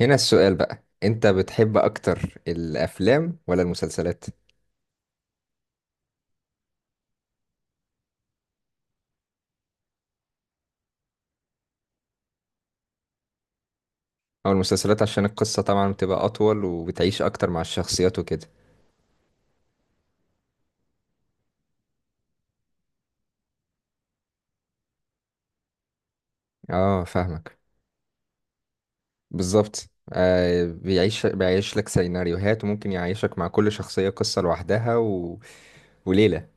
هنا السؤال بقى، انت بتحب اكتر الافلام ولا المسلسلات او المسلسلات؟ عشان القصة طبعا بتبقى اطول وبتعيش اكتر مع الشخصيات وكده. اه فاهمك. بالظبط، آه بيعيش، بيعيش لك سيناريوهات وممكن يعيشك مع كل شخصية قصة لوحدها و... وليلة.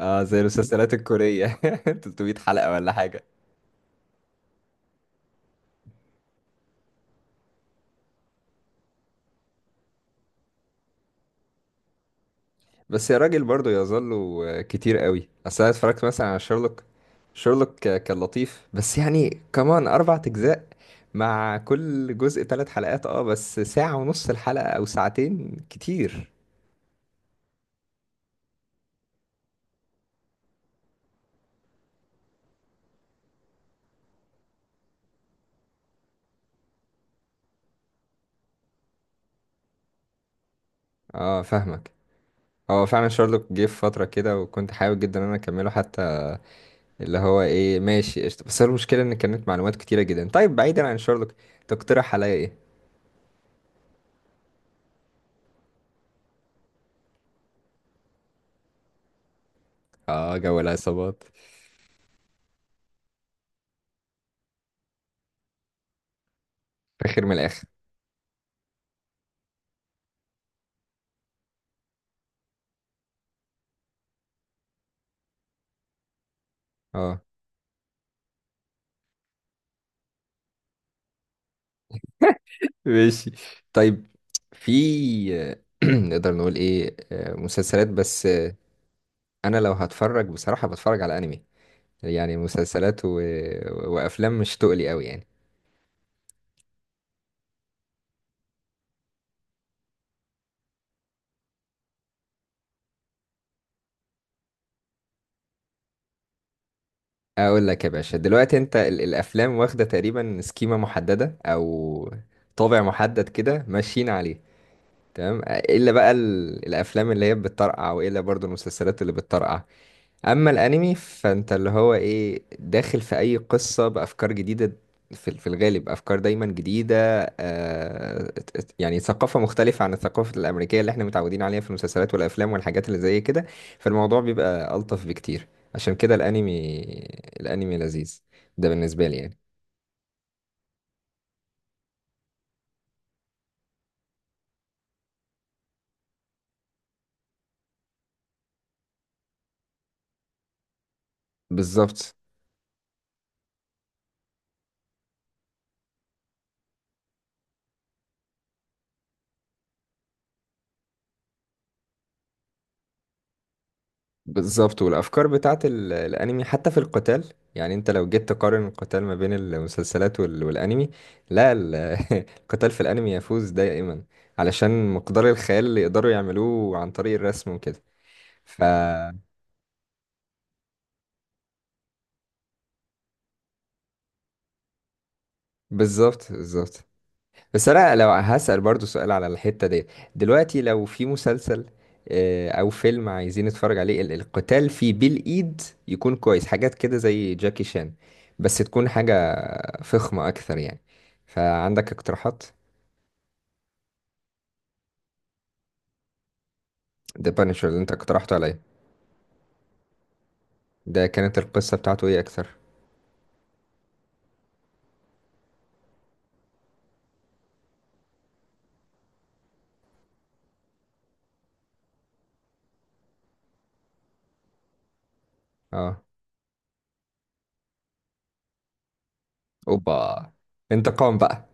اه زي المسلسلات الكورية. 300 حلقة ولا حاجة. بس يا راجل برضه يظل كتير قوي. اصل انا اتفرجت مثلا على شيرلوك. شيرلوك كان لطيف، بس يعني كمان اربع اجزاء، مع كل جزء ثلاث حلقات. اه بس ساعة ونص الحلقة او ساعتين كتير. اه فاهمك. هو فعلا شارلوك جه في فترة كده وكنت حابب جدا ان انا اكمله، حتى اللي هو ايه ماشي قشطة. بس هو المشكلة ان كانت معلومات كتيرة جدا. طيب بعيدا عن شارلوك، تقترح عليا ايه؟ اه جو العصابات. فاخر من الاخر. اه ماشي. طيب في نقدر نقول ايه مسلسلات بس. انا لو هتفرج بصراحة بتفرج على انمي. يعني مسلسلات و... وافلام مش تقلي قوي يعني. اقول لك يا باشا، دلوقتي انت الافلام واخدة تقريبا سكيمة محددة او طابع محدد كده ماشيين عليه، تمام؟ الا بقى الافلام اللي هي بتطرقع، والا برضو المسلسلات اللي بتطرقع. اما الانمي فانت اللي هو ايه، داخل في اي قصة بافكار جديدة. في الغالب افكار دايما جديدة. آه يعني ثقافة مختلفة عن الثقافة الامريكية اللي احنا متعودين عليها في المسلسلات والافلام والحاجات اللي زي كده. فالموضوع بيبقى الطف بكتير. عشان كده الانمي، الانمي لذيذ. ده بالنسبة لي يعني. بالظبط بالظبط. والافكار بتاعت الانمي حتى في القتال، يعني انت لو جيت تقارن القتال ما بين المسلسلات والانمي، لا، قتال في الانمي يفوز دائما. علشان مقدار الخيال اللي يقدروا يعملوه عن طريق الرسم وكده. ف- بالظبط بالظبط. بس انا لو هسأل برضو سؤال على الحتة دي، دلوقتي لو في مسلسل او فيلم عايزين نتفرج عليه، القتال فيه بالايد، يكون كويس حاجات كده زي جاكي شان، بس تكون حاجة فخمة اكثر يعني. فعندك اقتراحات؟ ده بانشر اللي انت اقترحته عليا. ده كانت القصة بتاعته ايه اكثر؟ اه. اوبا، انتقام بقى.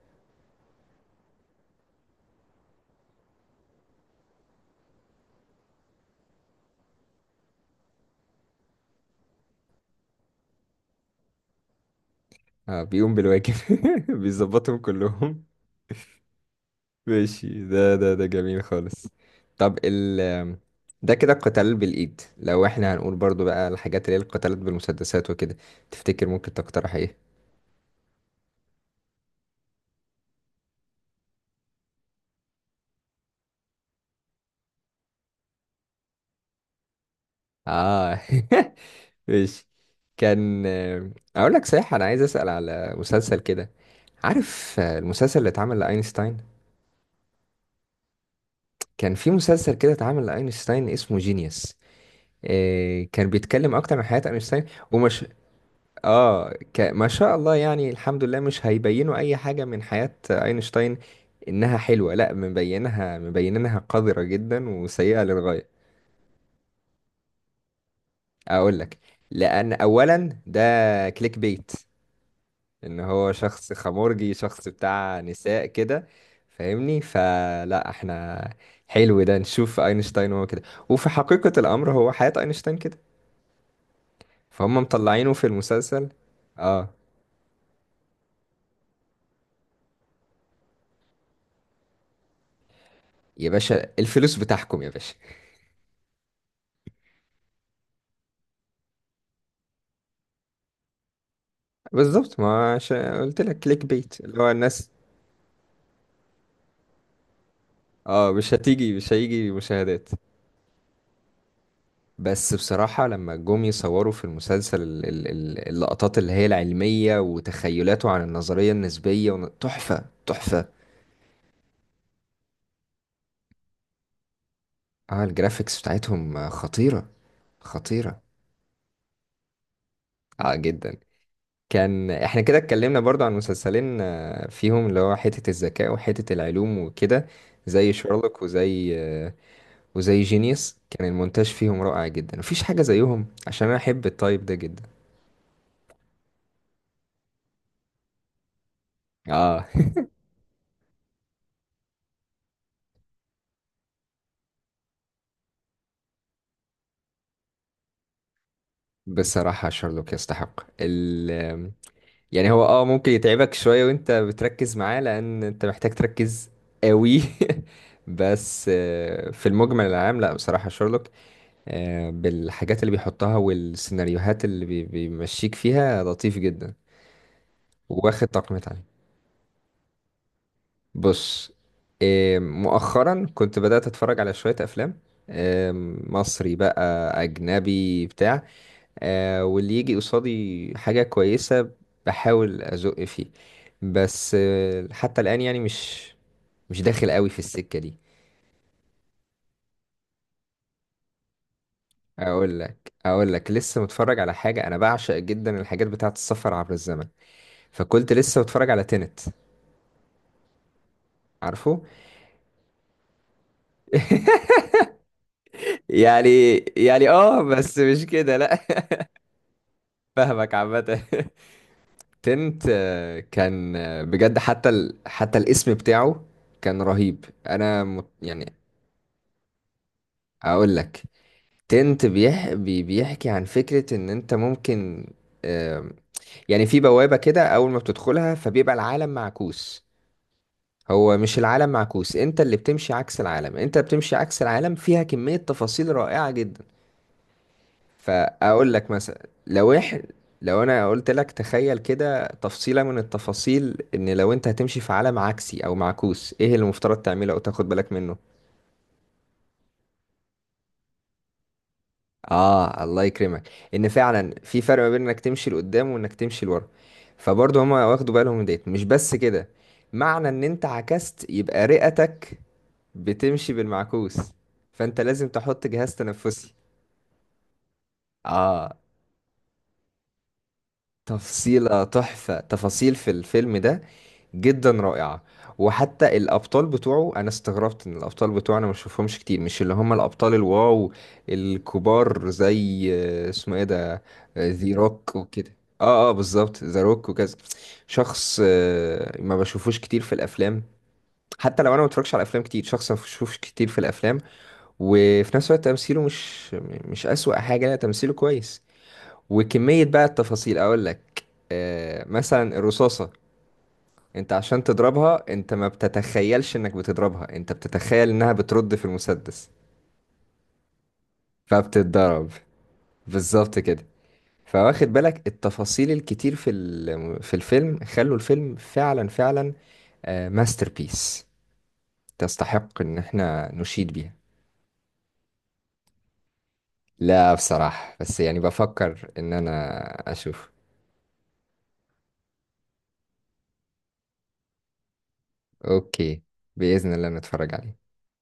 اه بيقوم بالواجب. بيظبطهم كلهم. ماشي. ده جميل خالص. طب ال- ده كده القتال بالإيد. لو احنا هنقول برضو بقى الحاجات اللي هي القتالات بالمسدسات وكده، تفتكر ممكن تقترح ايه؟ اه. ماشي. كان اقول لك صحيح، انا عايز اسأل على مسلسل كده. عارف المسلسل اللي اتعمل لأينشتاين؟ كان في مسلسل كده اتعمل لأينشتاين اسمه جينيوس. كان بيتكلم اكتر عن حياة اينشتاين. ومش- اه ما شاء الله يعني، الحمد لله مش هيبينوا اي حاجة من حياة اينشتاين انها حلوة. لا مبينها مبينينها قذرة جدا وسيئة للغاية. اقول لك. لان اولا ده كليك بيت، ان هو شخص خمورجي، شخص بتاع نساء كده، فاهمني؟ فلا احنا حلو ده نشوف اينشتاين هو كده، وفي حقيقة الامر هو حياة اينشتاين كده. فهم مطلعينه في المسلسل. اه يا باشا الفلوس بتاعكم يا باشا. بالظبط ما عش... قلت لك كليك بيت اللي هو الناس. اه مش هتيجي، مش هيجي مشاهدات. بس بصراحة لما جم يصوروا في المسلسل اللقطات اللي هي العلمية وتخيلاته عن النظرية النسبية ون- تحفة تحفة. اه الجرافيكس بتاعتهم خطيرة، خطيرة. اه جدا. كان احنا كده اتكلمنا برضو عن مسلسلين فيهم اللي هو حتة الذكاء وحتة العلوم وكده، زي شارلوك وزي وزي جينيوس، كان المونتاج فيهم رائع جدا، مفيش حاجة زيهم، عشان أنا أحب التايب ده جدا. آه. بصراحة شارلوك يستحق ال- يعني هو آه ممكن يتعبك شوية وأنت بتركز معاه، لأن أنت محتاج تركز قوي. بس في المجمل العام لا بصراحة شارلوك. بالحاجات اللي بيحطها والسيناريوهات اللي بيمشيك فيها، لطيف جدا. واخد تقييمات عالية. بص، إيه، مؤخرا كنت بدأت أتفرج على شوية أفلام. إيه، مصري بقى، أجنبي، بتاع. واللي يجي قصادي حاجة كويسة بحاول أزق فيه. بس حتى الآن يعني مش، مش داخل قوي في السكة دي. أقول لك أقول لك، لسه متفرج على حاجة. أنا بعشق جدا الحاجات بتاعة السفر عبر الزمن، فكنت لسه متفرج على تينت. عارفه؟ يعني يعني اه بس مش كده لا. فاهمك عامة. تنت كان بجد حتى حتى الاسم بتاعه كان رهيب. انا يعني. اقول لك. تنت بيحكي عن فكرة ان انت ممكن آم، يعني في بوابة كده اول ما بتدخلها فبيبقى العالم معكوس. هو مش العالم معكوس، انت اللي بتمشي عكس العالم، انت بتمشي عكس العالم. فيها كمية تفاصيل رائعة جدا. فاقول لك مثلا لو لو انا قلت لك تخيل كده تفصيلة من التفاصيل، ان لو انت هتمشي في عالم عكسي او معكوس، ايه اللي المفترض تعمله او تاخد بالك منه؟ اه الله يكرمك، ان فعلا في فرق ما بين انك تمشي لقدام وانك تمشي لورا. فبرضه هما واخدوا بالهم من ديت. مش بس كده، معنى ان انت عكست يبقى رئتك بتمشي بالمعكوس، فانت لازم تحط جهاز تنفسي. اه. تفصيلة تحفة. تفاصيل في الفيلم ده جدا رائعة. وحتى الأبطال بتوعه، أنا استغربت إن الأبطال بتوعه أنا مشوفهمش كتير، مش اللي هم الأبطال الواو الكبار، زي اسمه إيه ده. ذي روك وكده، اه اه بالظبط ذا روك وكذا. شخص ما بشوفوش كتير في الأفلام، حتى لو أنا ما بتفرجش على أفلام كتير، شخص ما بشوفوش كتير في الأفلام. وفي نفس الوقت تمثيله مش، مش أسوأ حاجة، لا تمثيله كويس. وكمية بقى التفاصيل، أقول لك، آه مثلا الرصاصة، أنت عشان تضربها أنت ما بتتخيلش إنك بتضربها، أنت بتتخيل إنها بترد في المسدس، فبتتضرب، بالظبط كده. فواخد بالك التفاصيل الكتير في في الفيلم خلوا الفيلم فعلا فعلا ماستر بيس، تستحق إن احنا نشيد بيها. لا بصراحة، بس يعني بفكر إن أنا أشوف. أوكي، بإذن الله نتفرج عليه.